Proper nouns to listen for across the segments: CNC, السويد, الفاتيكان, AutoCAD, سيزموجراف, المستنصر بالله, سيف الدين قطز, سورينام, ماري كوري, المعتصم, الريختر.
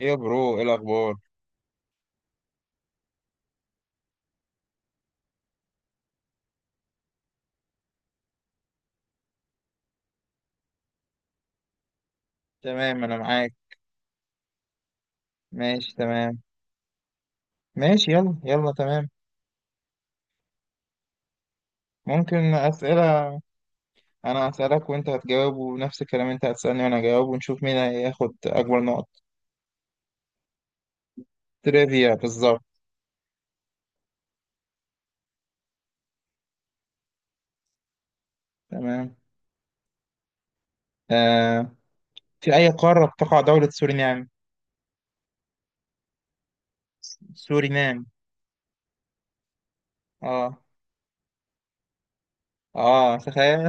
ايه يا برو، ايه الاخبار؟ تمام، انا معاك. ماشي تمام. ماشي، يلا يلا تمام. ممكن اسئله؟ انا هسالك وانت هتجاوب، ونفس الكلام، انت هتسالني وانا هجاوب، ونشوف مين هياخد اكبر نقط. تريفيا بالظبط. تمام. آه في اي قاره تقع دوله سورينام؟ سورينام. اه. اه، تخيل.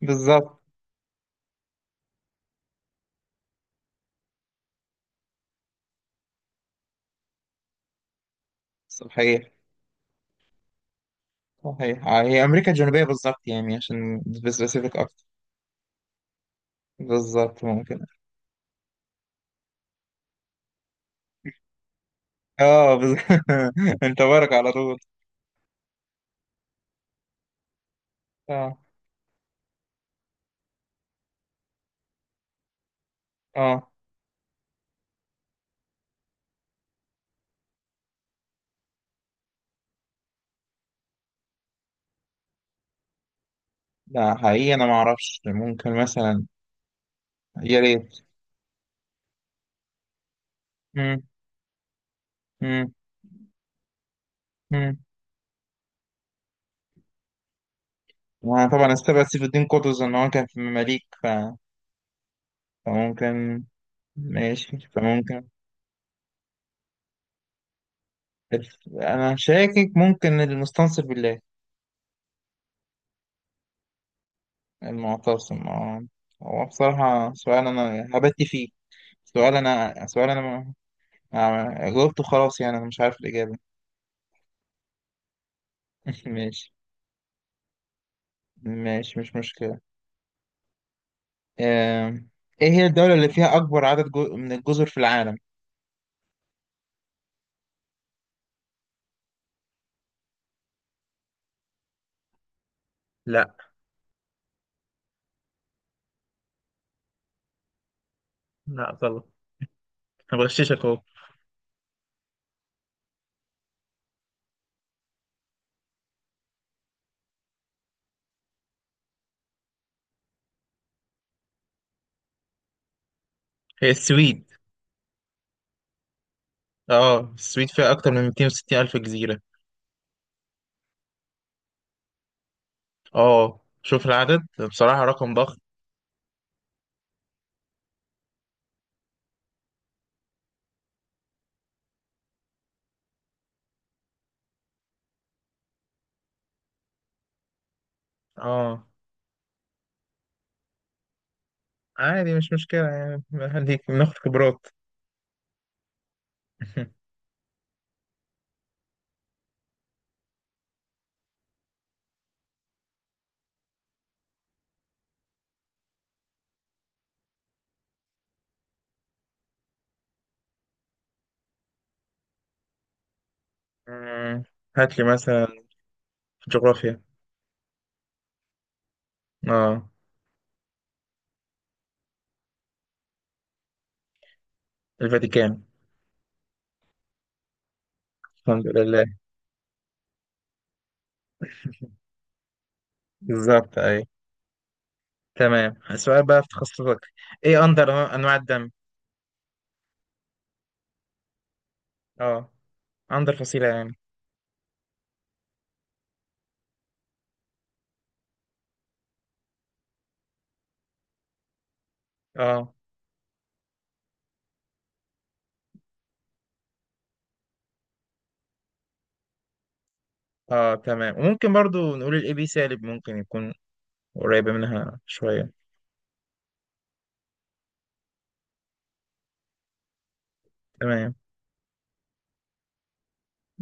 بالظبط. صحيح. صحيح، هي امريكا الجنوبيه بالظبط، يعني عشان سبيسيفيك اكتر. بالظبط، ممكن. اه، بالظبط. انت بارك على طول. آه. اه، لا حقيقي انا ما اعرفش، ممكن مثلا. يا ريت. مم. مم. مم. وانا طبعا استبعد سيف الدين قطز ان هو كان في المماليك فممكن. ماشي، فممكن. انا شاكك، ممكن المستنصر بالله. المعتصم، اه. هو بصراحة سؤال انا هبت فيه. سؤال انا سؤال انا ما... آه، جاوبته خلاص، يعني انا مش عارف الاجابة. ماشي. ماشي، مش مشكلة. آم، ايه هي الدولة اللي فيها اكبر عدد من الجزر في العالم؟ لا. لا، غلط. انا بغششك اهو. هي السويد. اه، السويد فيها اكتر من 260 الف جزيرة. اه، شوف العدد. بصراحة رقم ضخم. اه، عادي، مش مشكلة، يعني هديك ناخد خبرات. مم. هات لي مثلا. جغرافيا. اه. الفاتيكان. الحمد لله. بالظبط، اي. تمام، السؤال بقى في تخصصك. ايه اندر انواع الدم؟ اه. اندر فصيلة، يعني. اه اه تمام، وممكن برضو نقول الاي بي سالب ممكن يكون قريبة منها شوية. تمام،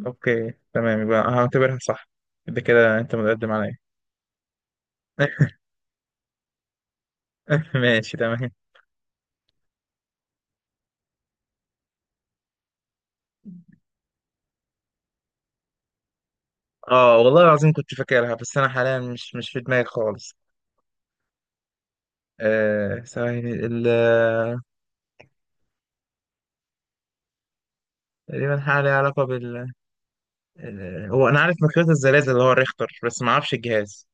اوكي، تمام، يبقى هعتبرها صح. ده كده انت متقدم عليا. ماشي تمام. اه، والله العظيم، كنت فاكرها بس انا حاليا مش في دماغي خالص. ثواني. ال تقريبا حاجه ليها علاقه هو انا عارف مقياس الزلازل اللي هو الريختر، بس ما اعرفش الجهاز.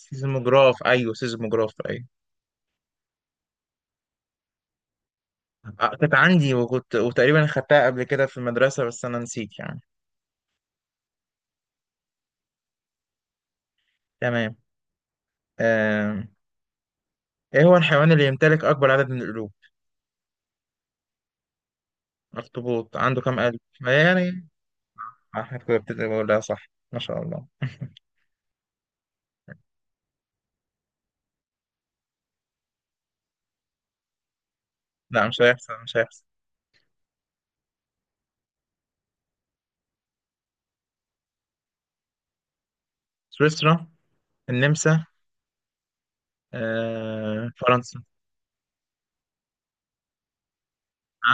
سيزموجراف، ايوه، سيزموجراف، ايوه. كانت عندي، وكنت وتقريبا خدتها قبل كده في المدرسه، بس انا نسيت يعني. تمام. آه. ايه هو الحيوان اللي يمتلك اكبر عدد من القلوب؟ اخطبوط عنده كام قلب؟ يعني احنا كنا بتبقى بقولها صح، ما شاء الله. لا، مش هيحصل، مش هيحصل. سويسرا، النمسا، فرنسا.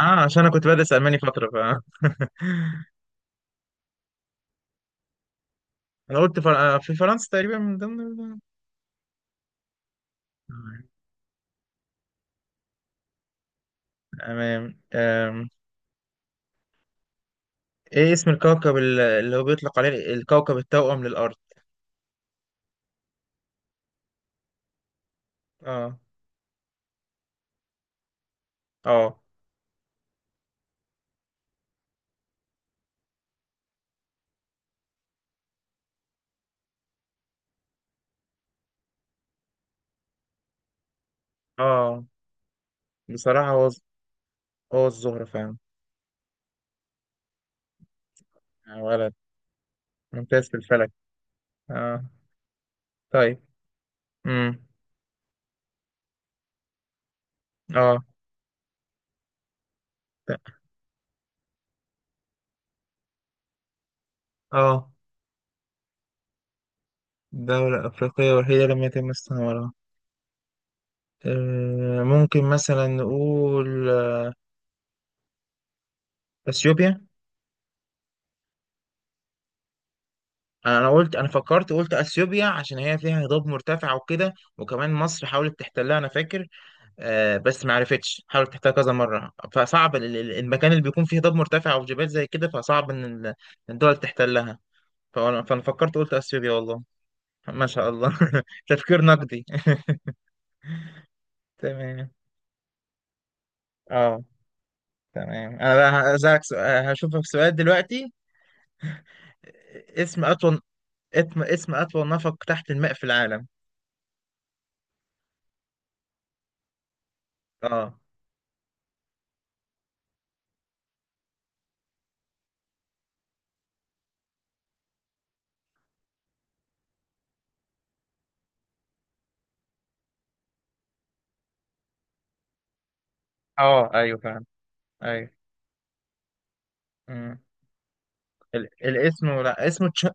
اه، عشان انا كنت بدرس الماني فتره انا قلت فر... آه، في فرنسا تقريبا من ضمن تمام. آم، ايه اسم الكوكب اللي هو بيطلق عليه الكوكب التوأم للارض؟ اه اه اه بصراحه، هو الزهره فعلا. يا ولد. ممتاز في الفلك. اه. طيب. امم. اه اه دولة أفريقية وحيدة لم يتم استعمارها. ممكن مثلا نقول، أثيوبيا. أنا قلت، أنا فكرت قلت أثيوبيا عشان هي فيها هضاب مرتفع وكده، وكمان مصر حاولت تحتلها أنا فاكر. بس ما عرفتش، حاولت تحتلها كذا مرة، فصعب المكان اللي بيكون فيه هضاب مرتفع أو جبال زي كده، فصعب إن الدول تحتلها. فأنا فكرت قلت أثيوبيا، والله. ما شاء الله. تفكير نقدي. تمام. اه، تمام. انا بقى هسألك سؤال، هشوفك سؤال دلوقتي. اسم أطول اسم أطول نفق تحت الماء في العالم. اه اه ايوه، فاهم. ايوه. مم. الاسم، لا، اسمه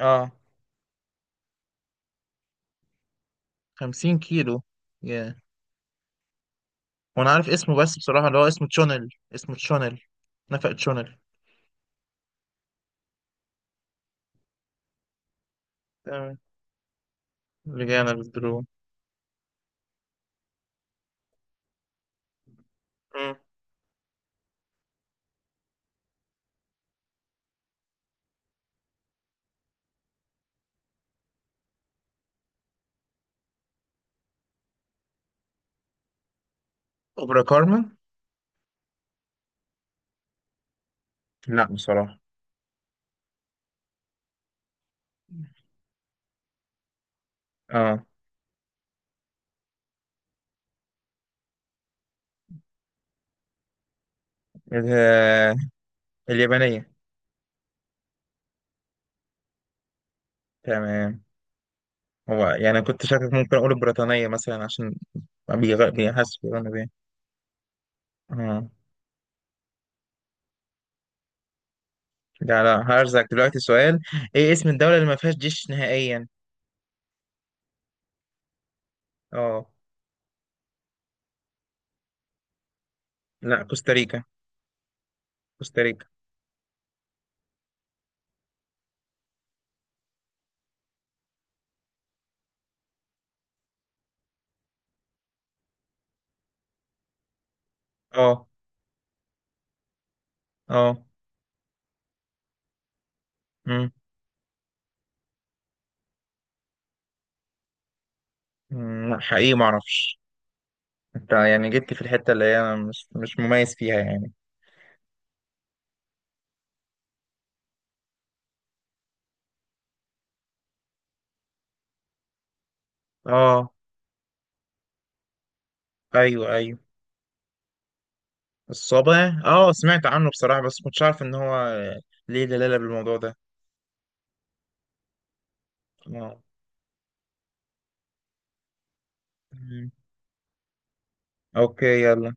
اه، 50 كيلو. yeah. وانا عارف اسمه، بس بصراحة، اللي هو اسمه تشونل. اسمه تشونل. نفق تشونل. تمام. رجعنا للدرو. مم. أوبرا كارمن. لا، بصراحة. اه، ال- اليابانية. تمام. هو يعني كنت شاكك، ممكن أقول البريطانية مثلا عشان بيحس، بيغنوا بيه. اه، لا لا، هرزك دلوقتي سؤال. ايه اسم الدولة اللي ما فيهاش جيش نهائيا؟ اه. لا، كوستاريكا. كوستاريكا. اه. اه. امم. لا حقيقي ما اعرفش. انت يعني جبت في الحتة اللي هي أنا مش مميز فيها يعني. اه، ايوه ايوه. الصابع، سمعت عنه بصراحة، بس كنتش عارف ان هو ليه دلالة بالموضوع ده. اه. أمم، اوكي، يلا،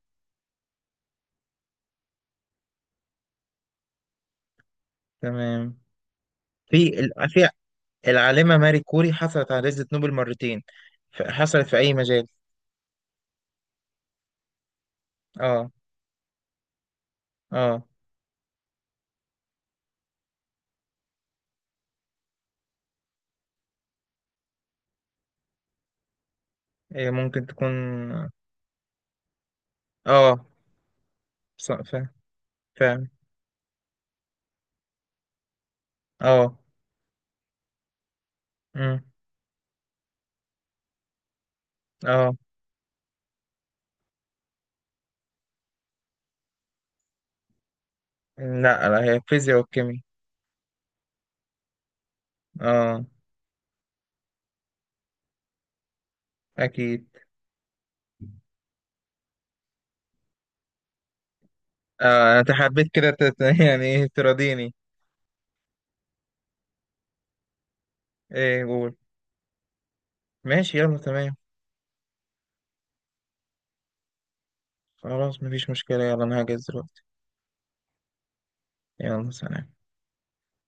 تمام. في العالمة ماري كوري حصلت على جائزة نوبل مرتين. حصلت في اي مجال؟ اه اه هي ممكن تكون. اه، فاهم، فاهم. اه. أمم. اه، لا لا، هي الفيزياء والكيمياء. اه، اكيد. آه انا تحبيت كده يعني ايه، تراضيني. ايه، قول. ماشي، يلا، تمام. خلاص، مفيش مشكلة، يلا انا هجهز دلوقتي. يلا، سلام.